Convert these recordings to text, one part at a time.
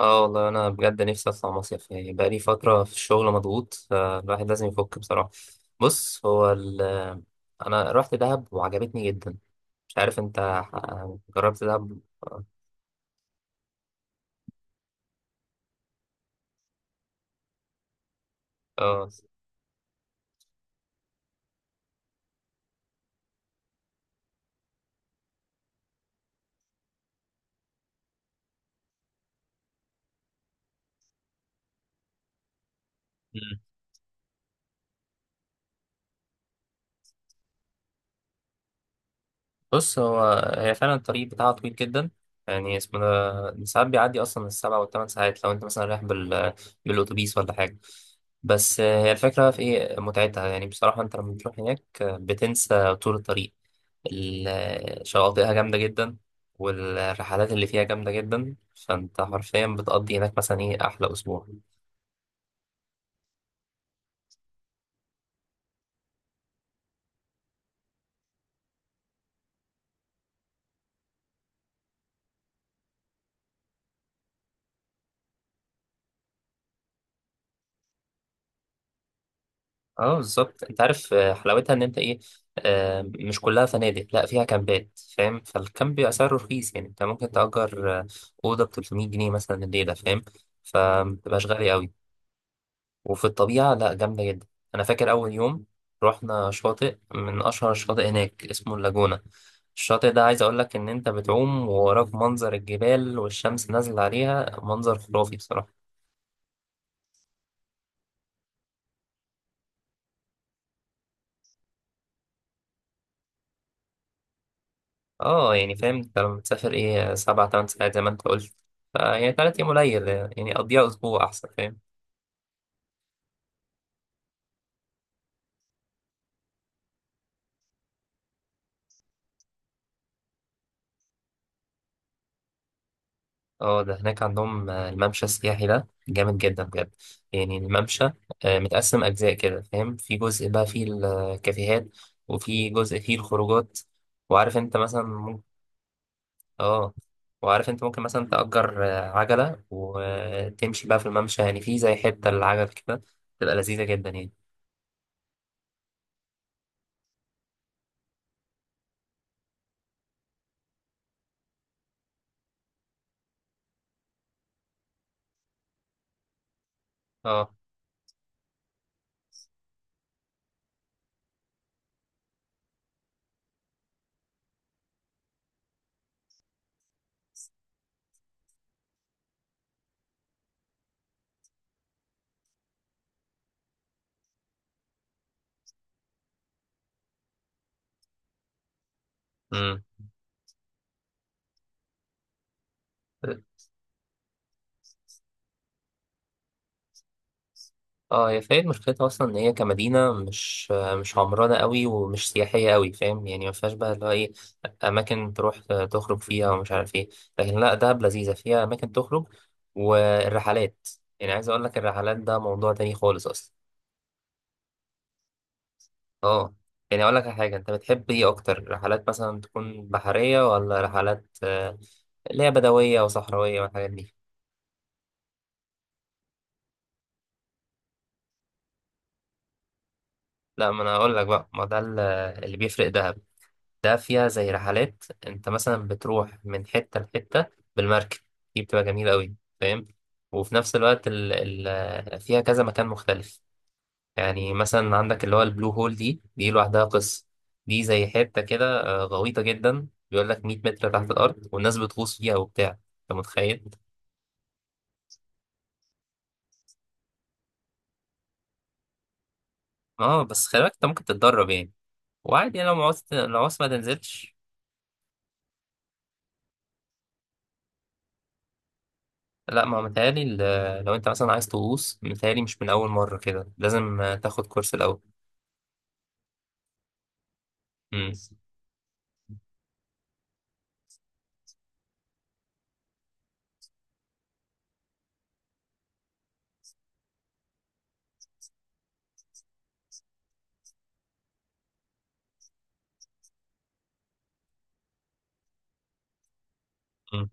اه، والله انا بجد نفسي اطلع مصيف. يعني بقالي فتره في الشغل مضغوط، فالواحد لازم يفك بصراحه. بص، هو ال انا رحت دهب وعجبتني جدا. مش عارف انت جربت دهب؟ اه. مم. بص، هي فعلا الطريق بتاعها طويل جدا. يعني اسمه، ده ساعات بيعدي اصلا السبع والثمان ساعات، لو انت مثلا رايح بالاتوبيس ولا حاجه. بس هي الفكره في ايه متعتها، يعني بصراحه انت لما بتروح هناك، بتنسى طول الطريق. الشواطئها جامدة جدا، والرحلات اللي فيها جامدة جدا. فانت حرفيا بتقضي هناك مثلا ايه، احلى اسبوع. اه، بالظبط. انت عارف، حلاوتها ان انت ايه، مش كلها فنادق، لا فيها كامبات فاهم. فالكامب بيبقى سعره رخيص، يعني انت ممكن تأجر أوضة ب 300 جنيه مثلا الليلة فاهم. فمبتبقاش غالية أوي. وفي الطبيعة، لا جامدة جدا. أنا فاكر أول يوم رحنا شاطئ من أشهر الشواطئ هناك، اسمه اللاجونة. الشاطئ ده، عايز أقول لك إن أنت بتعوم ووراك منظر الجبال والشمس نازلة عليها، منظر خرافي بصراحة. اه، يعني فاهم؟ أنت لما تسافر إيه، سبع تمن ساعات زي ما أنت قلت، فيعني 3 أيام قليل، يعني قضيها أسبوع أحسن فاهم. اه، ده هناك عندهم الممشى السياحي ده جامد جدا بجد. يعني الممشى متقسم أجزاء كده، فاهم؟ في جزء بقى فيه الكافيهات، وفي جزء فيه الخروجات، وعارف انت مثلا ممكن. اه. وعارف انت ممكن مثلا تأجر عجلة وتمشي بقى في الممشى، يعني في زي حتة للعجل كده، تبقى لذيذة جدا يعني. اه. امم. اه، هي فايد مشكلتها اصلا، ان هي كمدينه مش عمرانه قوي ومش سياحيه قوي، فاهم؟ يعني ما فيهاش بقى اللي هو ايه، اماكن تروح تخرج فيها ومش عارف ايه. لكن لا، دهب لذيذه فيها اماكن تخرج والرحلات. يعني عايز اقول لك، الرحلات ده موضوع تاني خالص اصلا. اه، يعني اقول لك على حاجه. انت بتحب ايه اكتر، رحلات مثلا تكون بحريه ولا رحلات اللي هي بدويه وصحراويه والحاجات دي؟ لا، ما انا اقول لك بقى، ما ده اللي بيفرق دهب. ده فيها زي رحلات، انت مثلا بتروح من حتة لحتة بالمركب. دي بتبقى جميلة قوي فاهم. وفي نفس الوقت، ال ال فيها كذا مكان مختلف. يعني مثلا عندك اللي هو البلو هول، دي لوحدها قصة. دي زي حتة كده، غويطة جدا، بيقول لك 100 متر تحت الأرض والناس بتغوص فيها وبتاع، انت متخيل؟ اه، بس خلي بالك انت ممكن تتدرب يعني. وعادي يعني، لو عوزت ما تنزلش. لا، ما هو متهيألي، لو انت مثلا عايز تغوص متهيألي مش من أول مرة كده، لازم تاخد كورس الأول. مم. مم.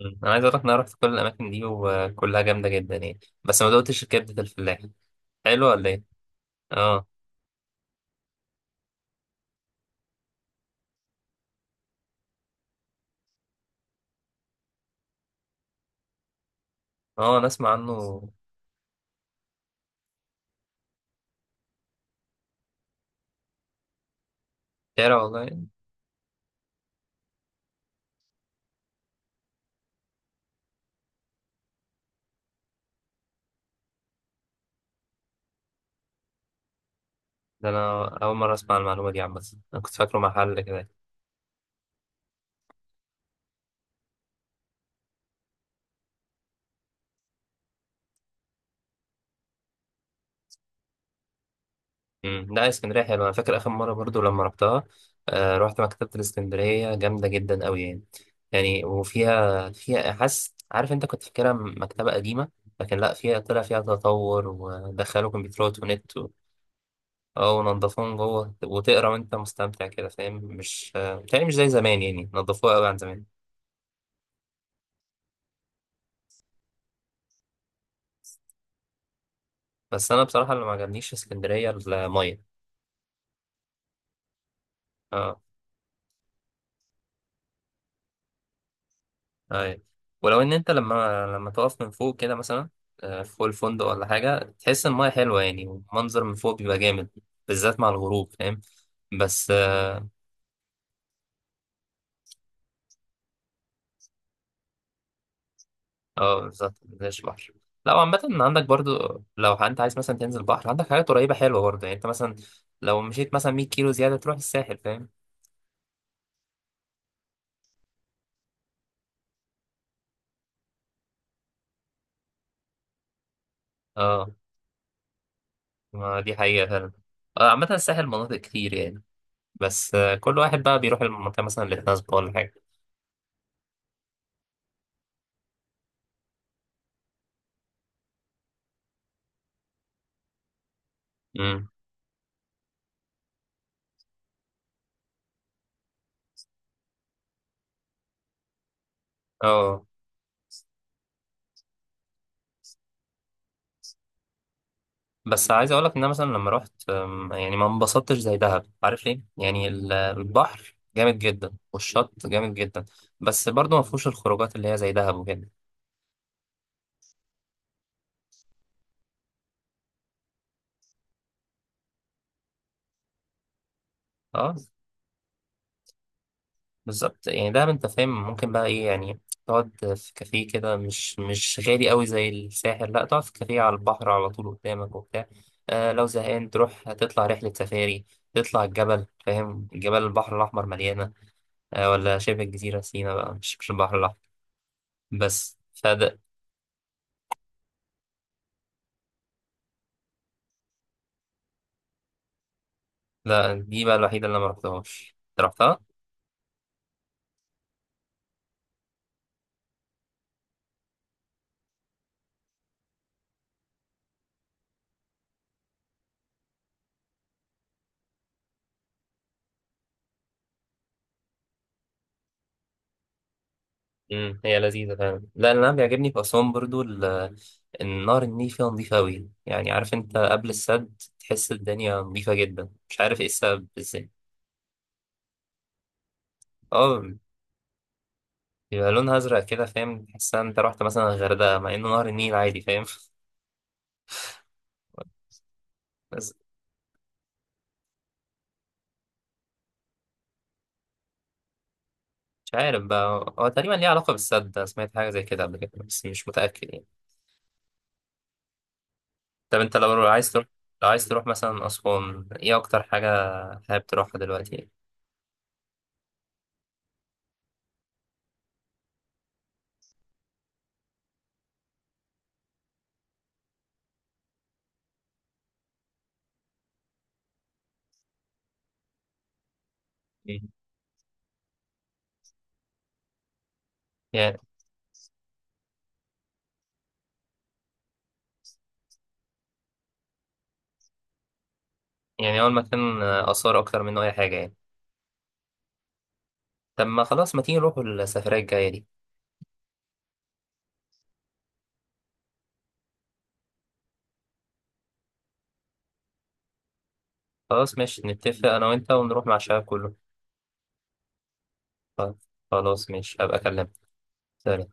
مم. انا عايز اقول لك إن انا رحت كل الاماكن دي وكلها جامده جدا يعني. بس ما دقتش كبده الفلاح، حلو ولا ايه؟ اه. اه، انا اسمع عنه. شارع والله؟ ده انا اول مره اسمع المعلومه دي عامه. انا كنت فاكره محل كده. مم. لا، اسكندريه حلوه. انا فاكر اخر مره برضو لما رحتها. رحت مكتبه الاسكندريه جامده جدا قوي يعني. يعني وفيها، فيها حاسس، عارف انت كنت فاكرها مكتبه قديمه. لكن لا، فيها طلع فيها تطور ودخلوا كمبيوترات ونت. اه، ونضفوهم جوه وتقرا وانت مستمتع كده فاهم؟ مش بتهيألي مش زي زمان، يعني نضفوها قوي عن زمان. بس انا بصراحه، اللي ما عجبنيش في اسكندريه الميه. اه. اي. ولو ان انت لما تقف من فوق كده مثلا، فوق الفندق ولا حاجه، تحس ان الميه حلوه يعني والمنظر من فوق بيبقى جامد، بالذات مع الغروب فاهم. بس اه. بالظبط، مفيش بحر. لا، وعامة عندك برضو، لو انت عايز مثلا تنزل بحر، عندك حاجات قريبة حلوة برضو. يعني انت مثلا لو مشيت مثلا 100 كيلو زيادة تروح الساحل فاهم. اه. ما دي حقيقة فعلا. عامة الساحل مناطق كتير يعني. بس كل واحد بقى بيروح المنطقة مثلا اللي تناسبه ولا حاجة. امم. اه، بس عايز اقولك ان انا مثلا لما رحت يعني ما انبسطتش زي دهب، عارف ليه؟ يعني البحر جامد جدا والشط جامد جدا. بس برضه ما فيهوش الخروجات اللي هي زي دهب وكده. اه، بالظبط يعني. ده انت فاهم ممكن بقى ايه، يعني تقعد في كافيه كده مش غالي قوي زي الساحل، لا تقعد في كافيه على البحر على طول قدامك وبتاع. لو زهقان تروح تطلع رحلة سفاري. تطلع الجبل، فاهم جبال البحر الأحمر مليانة. ولا شبه الجزيرة سينا بقى، مش البحر الأحمر بس، فده. لا، دي بقى الوحيدة اللي أنا مرحتهاش. رحتها؟ امم، هي لذيذة فعلا. لا، اللي أنا بيعجبني في أسوان برضو النهر النيل فيها نظيفة أوي، يعني عارف أنت قبل السد تحس الدنيا نظيفة جدا، مش عارف إيه السبب إزاي. أه، بيبقى لونها أزرق كده فاهم، تحس إن أنت رحت مثلا الغردقة مع إنه نهر النيل عادي فاهم. بس مش عارف بقى، هو تقريبا ليه علاقة بالسد. أنا سمعت حاجة زي كده قبل كده بس مش متأكد يعني. طب أنت لو عايز تروح مثلا أسوان، إيه أكتر حاجة حابب تروحها دلوقتي يعني؟ مم. يعني يعني هو المكان آثار أكتر منه أي حاجة يعني. طب ما خلاص، ما تيجي نروحوا السفرية الجاية دي. خلاص ماشي، نتفق أنا وأنت ونروح مع الشباب كله. خلاص ماشي، هبقى أكلمك. سلام.